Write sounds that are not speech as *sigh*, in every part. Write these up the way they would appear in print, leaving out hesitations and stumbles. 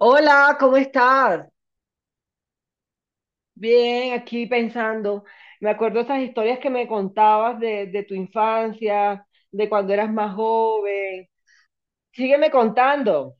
Hola, ¿cómo estás? Bien, aquí pensando. Me acuerdo esas historias que me contabas de tu infancia, de cuando eras más joven. Sígueme contando.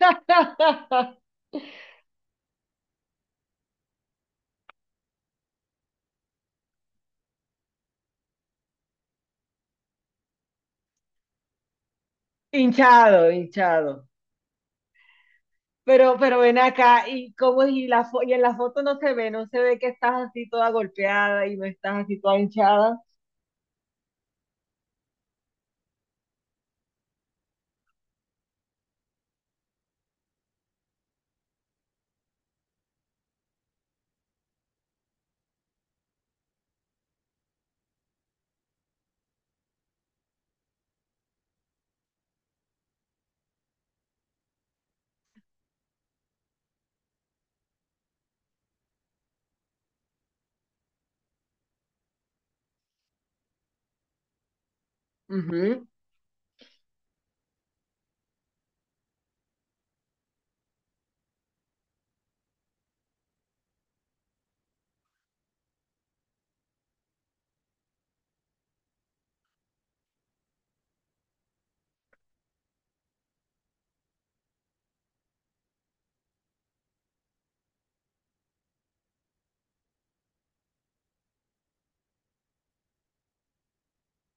*laughs* Hinchado, hinchado. Pero ven acá, ¿y cómo es? Y la y en la foto no se ve, no se ve que estás así toda golpeada y no estás así toda hinchada. Ujú.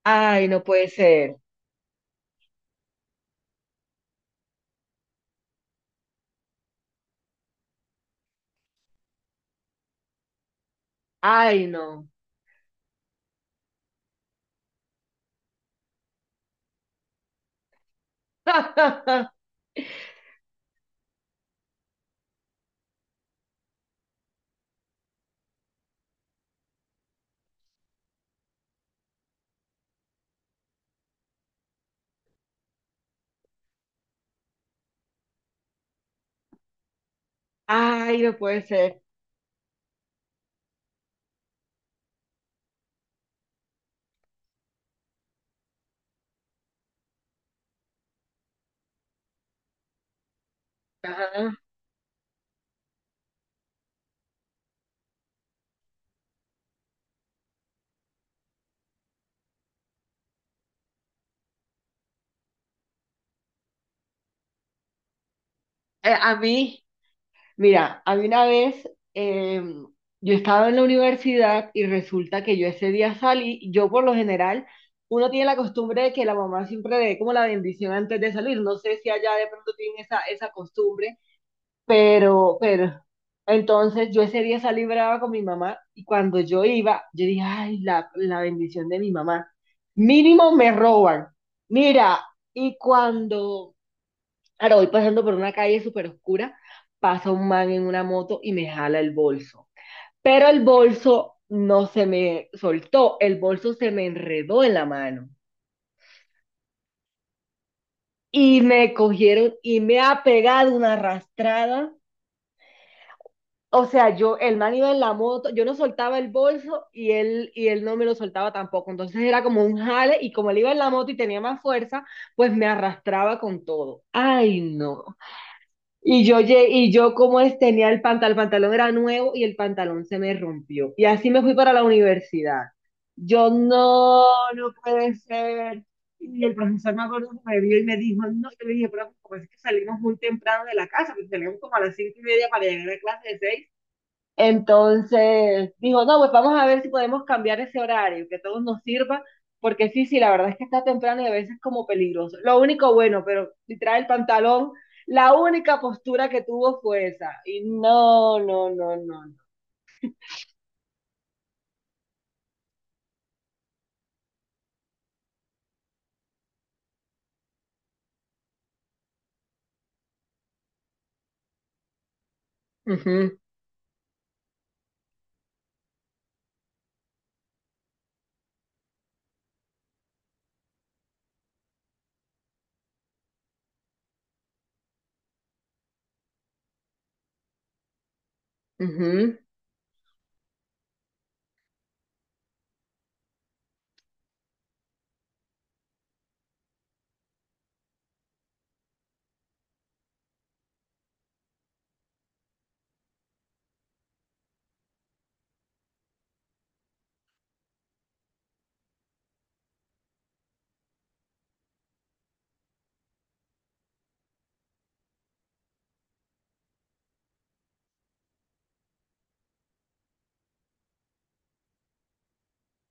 Ay, no puede ser. Ay, no. *laughs* Ay, no puede ser. Ajá. Eh, a mí, Mira, a mí una vez eh, yo estaba en la universidad y resulta que yo ese día salí, yo por lo general, uno tiene la costumbre de que la mamá siempre le dé como la bendición antes de salir, no sé si allá de pronto tienen esa, esa costumbre, pero, pero, entonces yo ese día salí brava con mi mamá y cuando yo iba, yo dije, ay, la bendición de mi mamá, mínimo me roban, mira, y cuando... Ahora voy pasando por una calle súper oscura, pasa un man en una moto y me jala el bolso. Pero el bolso no se me soltó, el bolso se me enredó en la mano. Y me cogieron y me ha pegado una arrastrada. O sea, yo, el man iba en la moto, yo no soltaba el bolso y él no me lo soltaba tampoco. Entonces era como un jale y como él iba en la moto y tenía más fuerza, pues me arrastraba con todo. Ay, no. Y yo, y yo como es, tenía el pantalón era nuevo y el pantalón se me rompió. Y así me fui para la universidad. Yo, no, no puede ser. Y el profesor me acuerdo que me vio y me dijo, no, yo le dije, pero como es que salimos muy temprano de la casa, porque salimos como a las 5:30 para llegar a clase de 6. Entonces dijo, no, pues vamos a ver si podemos cambiar ese horario, que a todos nos sirva, porque sí, sí, la verdad es que está temprano y a veces como peligroso. Lo único bueno, pero si trae el pantalón, la única postura que tuvo fue esa. Y no, no, no, no, no. Ujú, ujú,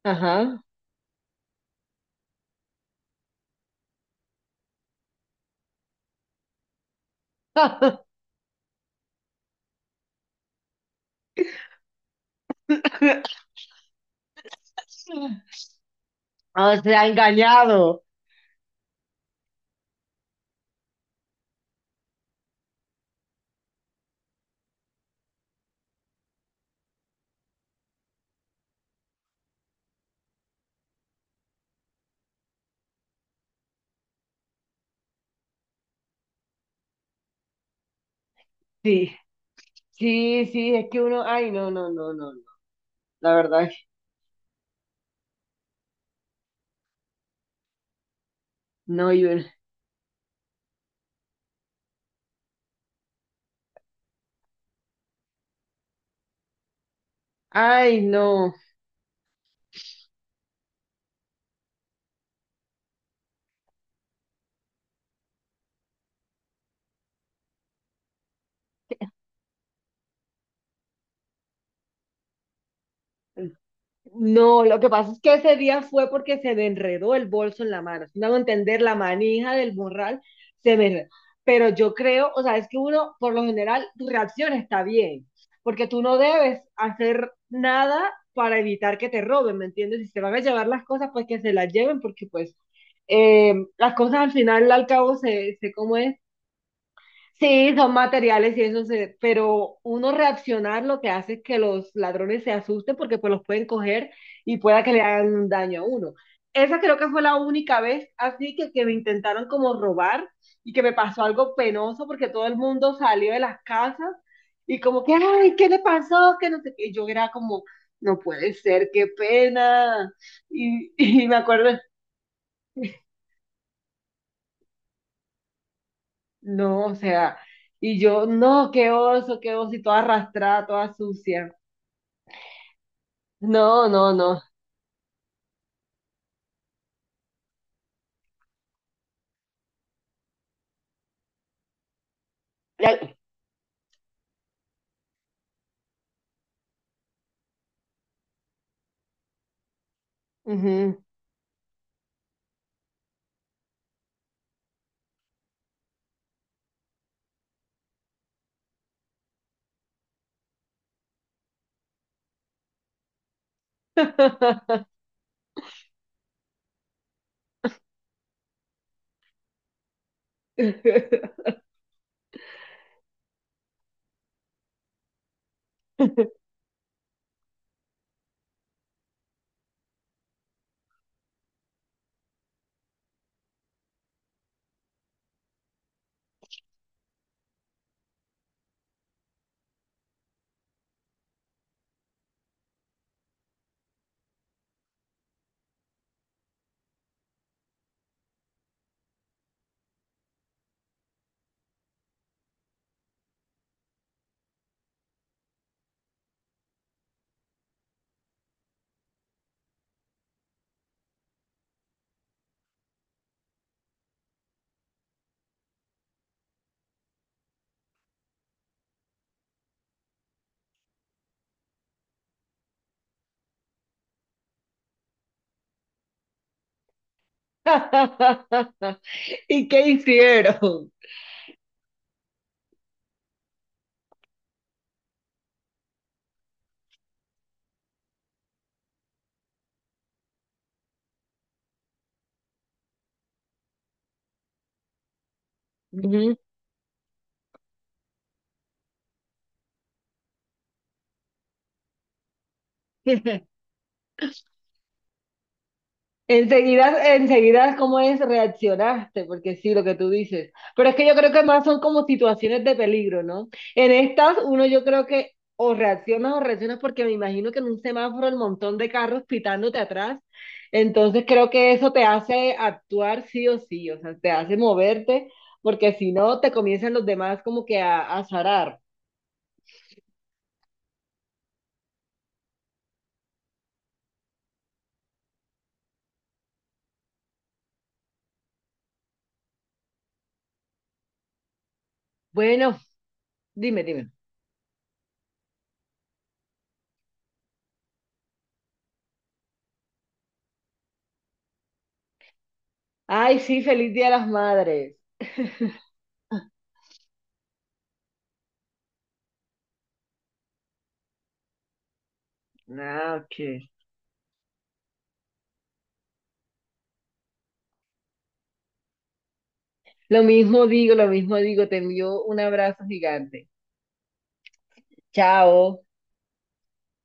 ajá. *laughs* O sea, engañado. Sí, sí, sí, es que uno, ay, no, no, no, no, no. La verdad, no, yo, ay, no. No, lo que pasa es que ese día fue porque se me enredó el bolso en la mano. Si me hago entender, la manija del morral se me enredó. Pero yo creo, o sea, es que uno, por lo general, tu reacción está bien, porque tú no debes hacer nada para evitar que te roben, ¿me entiendes? Si se van a llevar las cosas, pues que se las lleven, porque pues las cosas al final, al cabo, se como es, sí, son materiales y eso se, pero uno reaccionar lo que hace es que los ladrones se asusten porque pues los pueden coger y pueda que le hagan un daño a uno. Esa creo que fue la única vez así que me intentaron como robar y que me pasó algo penoso porque todo el mundo salió de las casas y como que, ay, ¿qué le pasó? Que no sé qué. Y yo era como, no puede ser, qué pena. Y, *laughs* y me acuerdo, no, o sea, y yo, no, qué oso, y toda arrastrada, toda sucia. No, no, no. Ujú. *laughs* ¿Y qué hicieron? Ujú. *laughs* Enseguida, enseguida, ¿cómo es? Reaccionaste, porque sí, lo que tú dices. Pero es que yo creo que más son como situaciones de peligro, ¿no? En estas, uno yo creo que o reaccionas porque me imagino que en un semáforo el montón de carros pitándote atrás. Entonces creo que eso te hace actuar sí o sí, o sea, te hace moverte, porque si no, te comienzan los demás como que a zarar. Bueno, dime, dime. Ay, sí, feliz Día de las Madres. Ah, ok. Lo mismo digo, te envío un abrazo gigante. Chao.